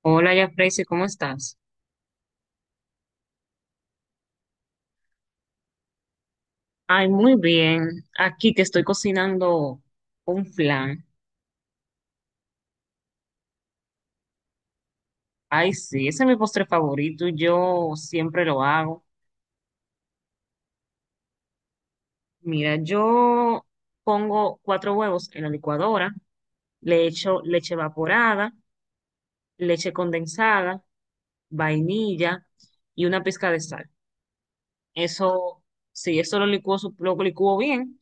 Hola, ya Freysi, ¿cómo estás? Ay, muy bien. Aquí que estoy cocinando un flan. Ay, sí, ese es mi postre favorito. Yo siempre lo hago. Mira, yo pongo cuatro huevos en la licuadora, le echo leche evaporada, leche condensada, vainilla y una pizca de sal. Eso, sí, eso lo licuo, lo licuo bien.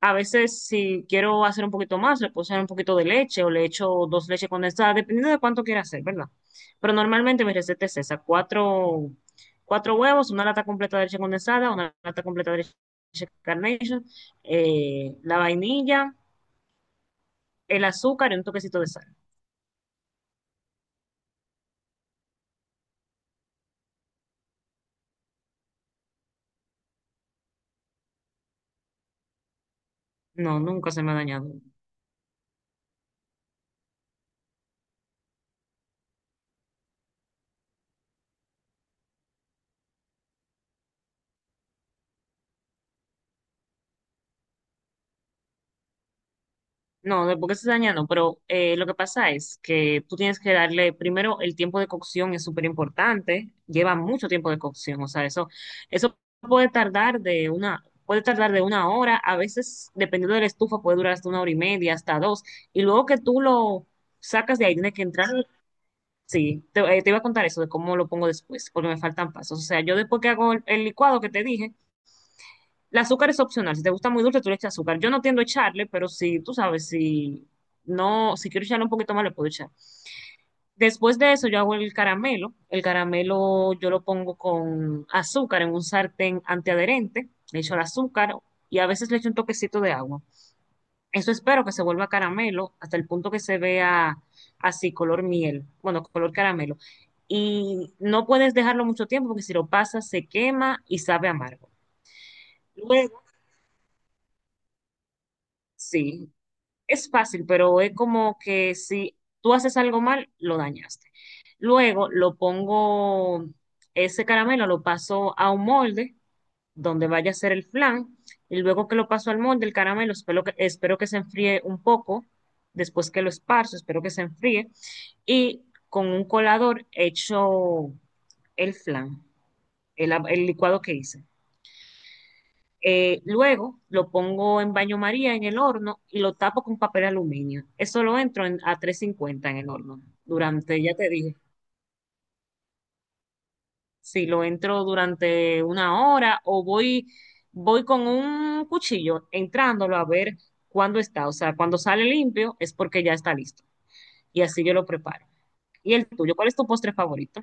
A veces, si quiero hacer un poquito más, le puedo echar un poquito de leche o le echo dos leches condensadas, dependiendo de cuánto quiera hacer, ¿verdad? Pero normalmente mi receta es esa, cuatro huevos, una lata completa de leche condensada, una lata completa de leche Carnation, la vainilla, el azúcar y un toquecito de sal. No, nunca se me ha dañado. No, de por qué se daña no, pero lo que pasa es que tú tienes que darle, primero, el tiempo de cocción es súper importante, lleva mucho tiempo de cocción, o sea, eso puede tardar puede tardar de 1 hora, a veces, dependiendo de la estufa, puede durar hasta 1 hora y media, hasta dos, y luego que tú lo sacas de ahí, tiene que entrar, sí, te iba a contar eso de cómo lo pongo después, porque me faltan pasos, o sea, yo después que hago el licuado que te dije, el azúcar es opcional. Si te gusta muy dulce, tú le echas azúcar. Yo no tiendo a echarle, pero si tú sabes, si no, si quiero echarle un poquito más, le puedo echar. Después de eso, yo hago el caramelo. El caramelo yo lo pongo con azúcar en un sartén antiadherente. Le echo el azúcar y a veces le echo un toquecito de agua. Eso espero que se vuelva caramelo hasta el punto que se vea así, color miel. Bueno, color caramelo. Y no puedes dejarlo mucho tiempo porque si lo pasas se quema y sabe amargo. Luego, sí, es fácil, pero es como que si tú haces algo mal, lo dañaste. Luego lo pongo, ese caramelo lo paso a un molde donde vaya a ser el flan y luego que lo paso al molde, el caramelo, espero que se enfríe un poco, después que lo esparzo, espero que se enfríe y con un colador hecho el flan, el licuado que hice. Luego lo pongo en baño María en el horno y lo tapo con papel aluminio. Eso lo entro a 350 en el horno durante, ya te dije, si lo entro durante 1 hora o voy con un cuchillo entrándolo a ver cuándo está. O sea, cuando sale limpio es porque ya está listo. Y así yo lo preparo. ¿Y el tuyo? ¿Cuál es tu postre favorito?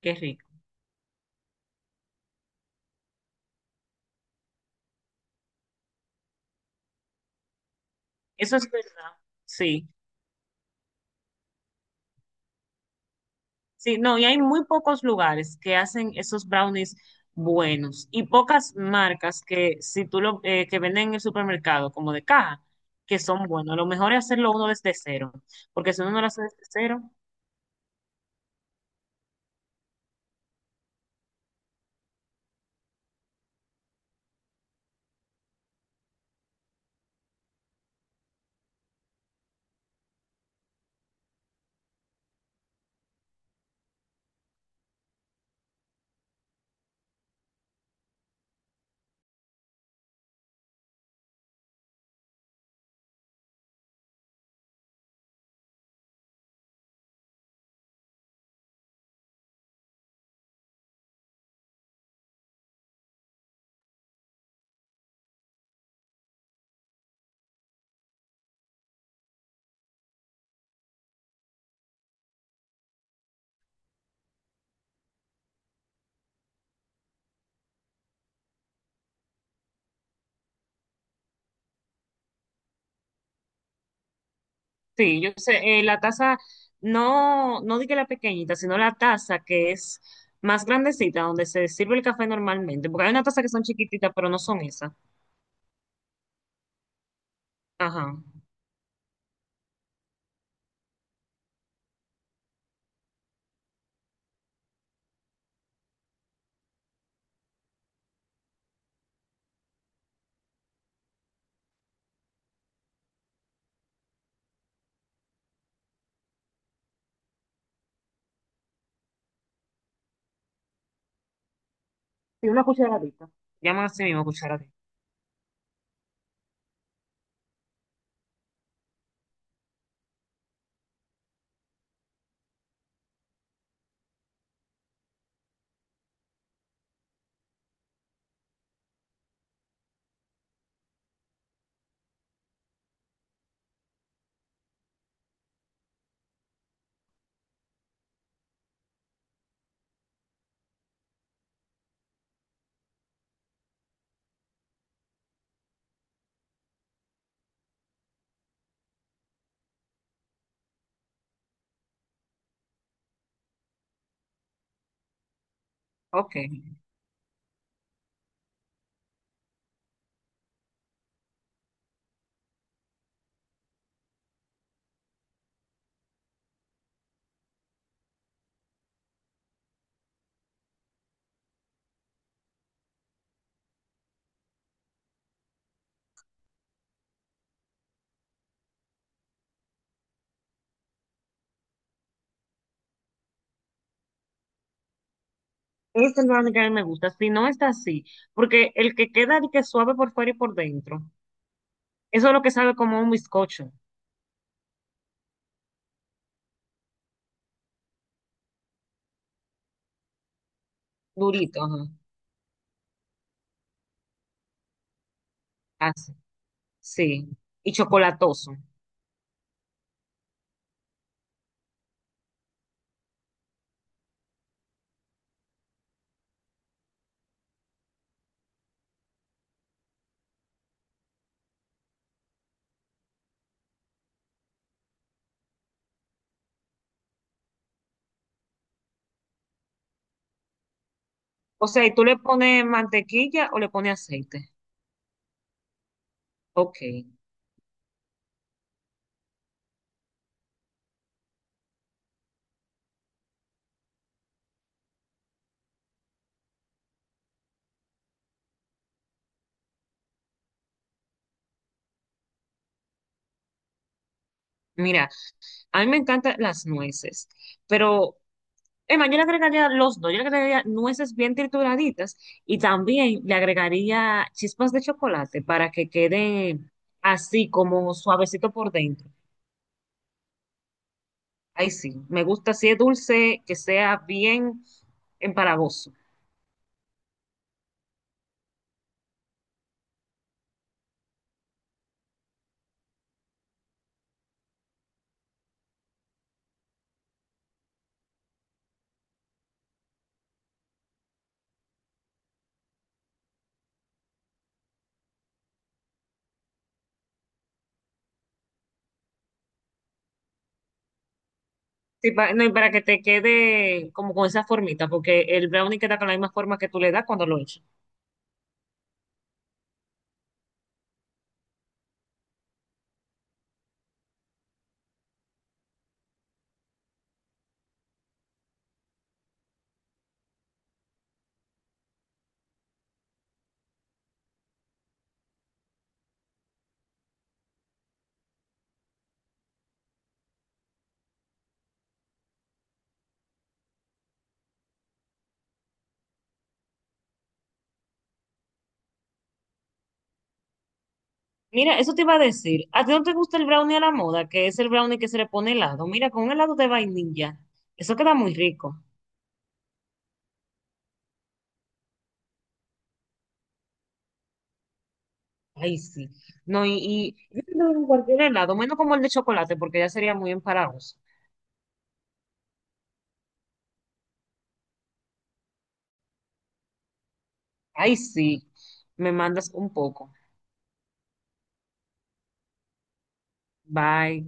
Qué rico. Eso es verdad. Sí. Sí, no, y hay muy pocos lugares que hacen esos brownies buenos y pocas marcas que si tú lo que venden en el supermercado como de caja que son buenos. Lo mejor es hacerlo uno desde cero, porque si uno no lo hace desde cero, sí, yo sé, la taza no dije la pequeñita, sino la taza que es más grandecita donde se sirve el café normalmente, porque hay una taza que son chiquititas, pero no son esas. Ajá. Sí, una cucharadita. Llaman así mismo cucharadita. Ok. Esa es la única que a mí me gusta, si no está así, porque el que queda de que suave por fuera y por dentro, eso es lo que sabe como un bizcocho, durito, ajá, así, sí, y chocolatoso. O sea, ¿y tú le pones mantequilla o le pones aceite? Ok, mira, a mí me encantan las nueces, pero, Emma, yo le agregaría los dos, yo le agregaría nueces bien trituraditas y también le agregaría chispas de chocolate para que quede así como suavecito por dentro. Ay, sí, me gusta si es dulce, que sea bien empalagoso. No, y para que te quede como con esa formita, porque el brownie queda con la misma forma que tú le das cuando lo echas. Mira, eso te iba a decir, ¿a ti no te gusta el brownie a la moda? Que es el brownie que se le pone helado. Mira, con un helado de vainilla, eso queda muy rico. Ay, sí. No, y yo creo que en cualquier helado, menos como el de chocolate, porque ya sería muy empalagoso. Ay, sí, me mandas un poco. Bye.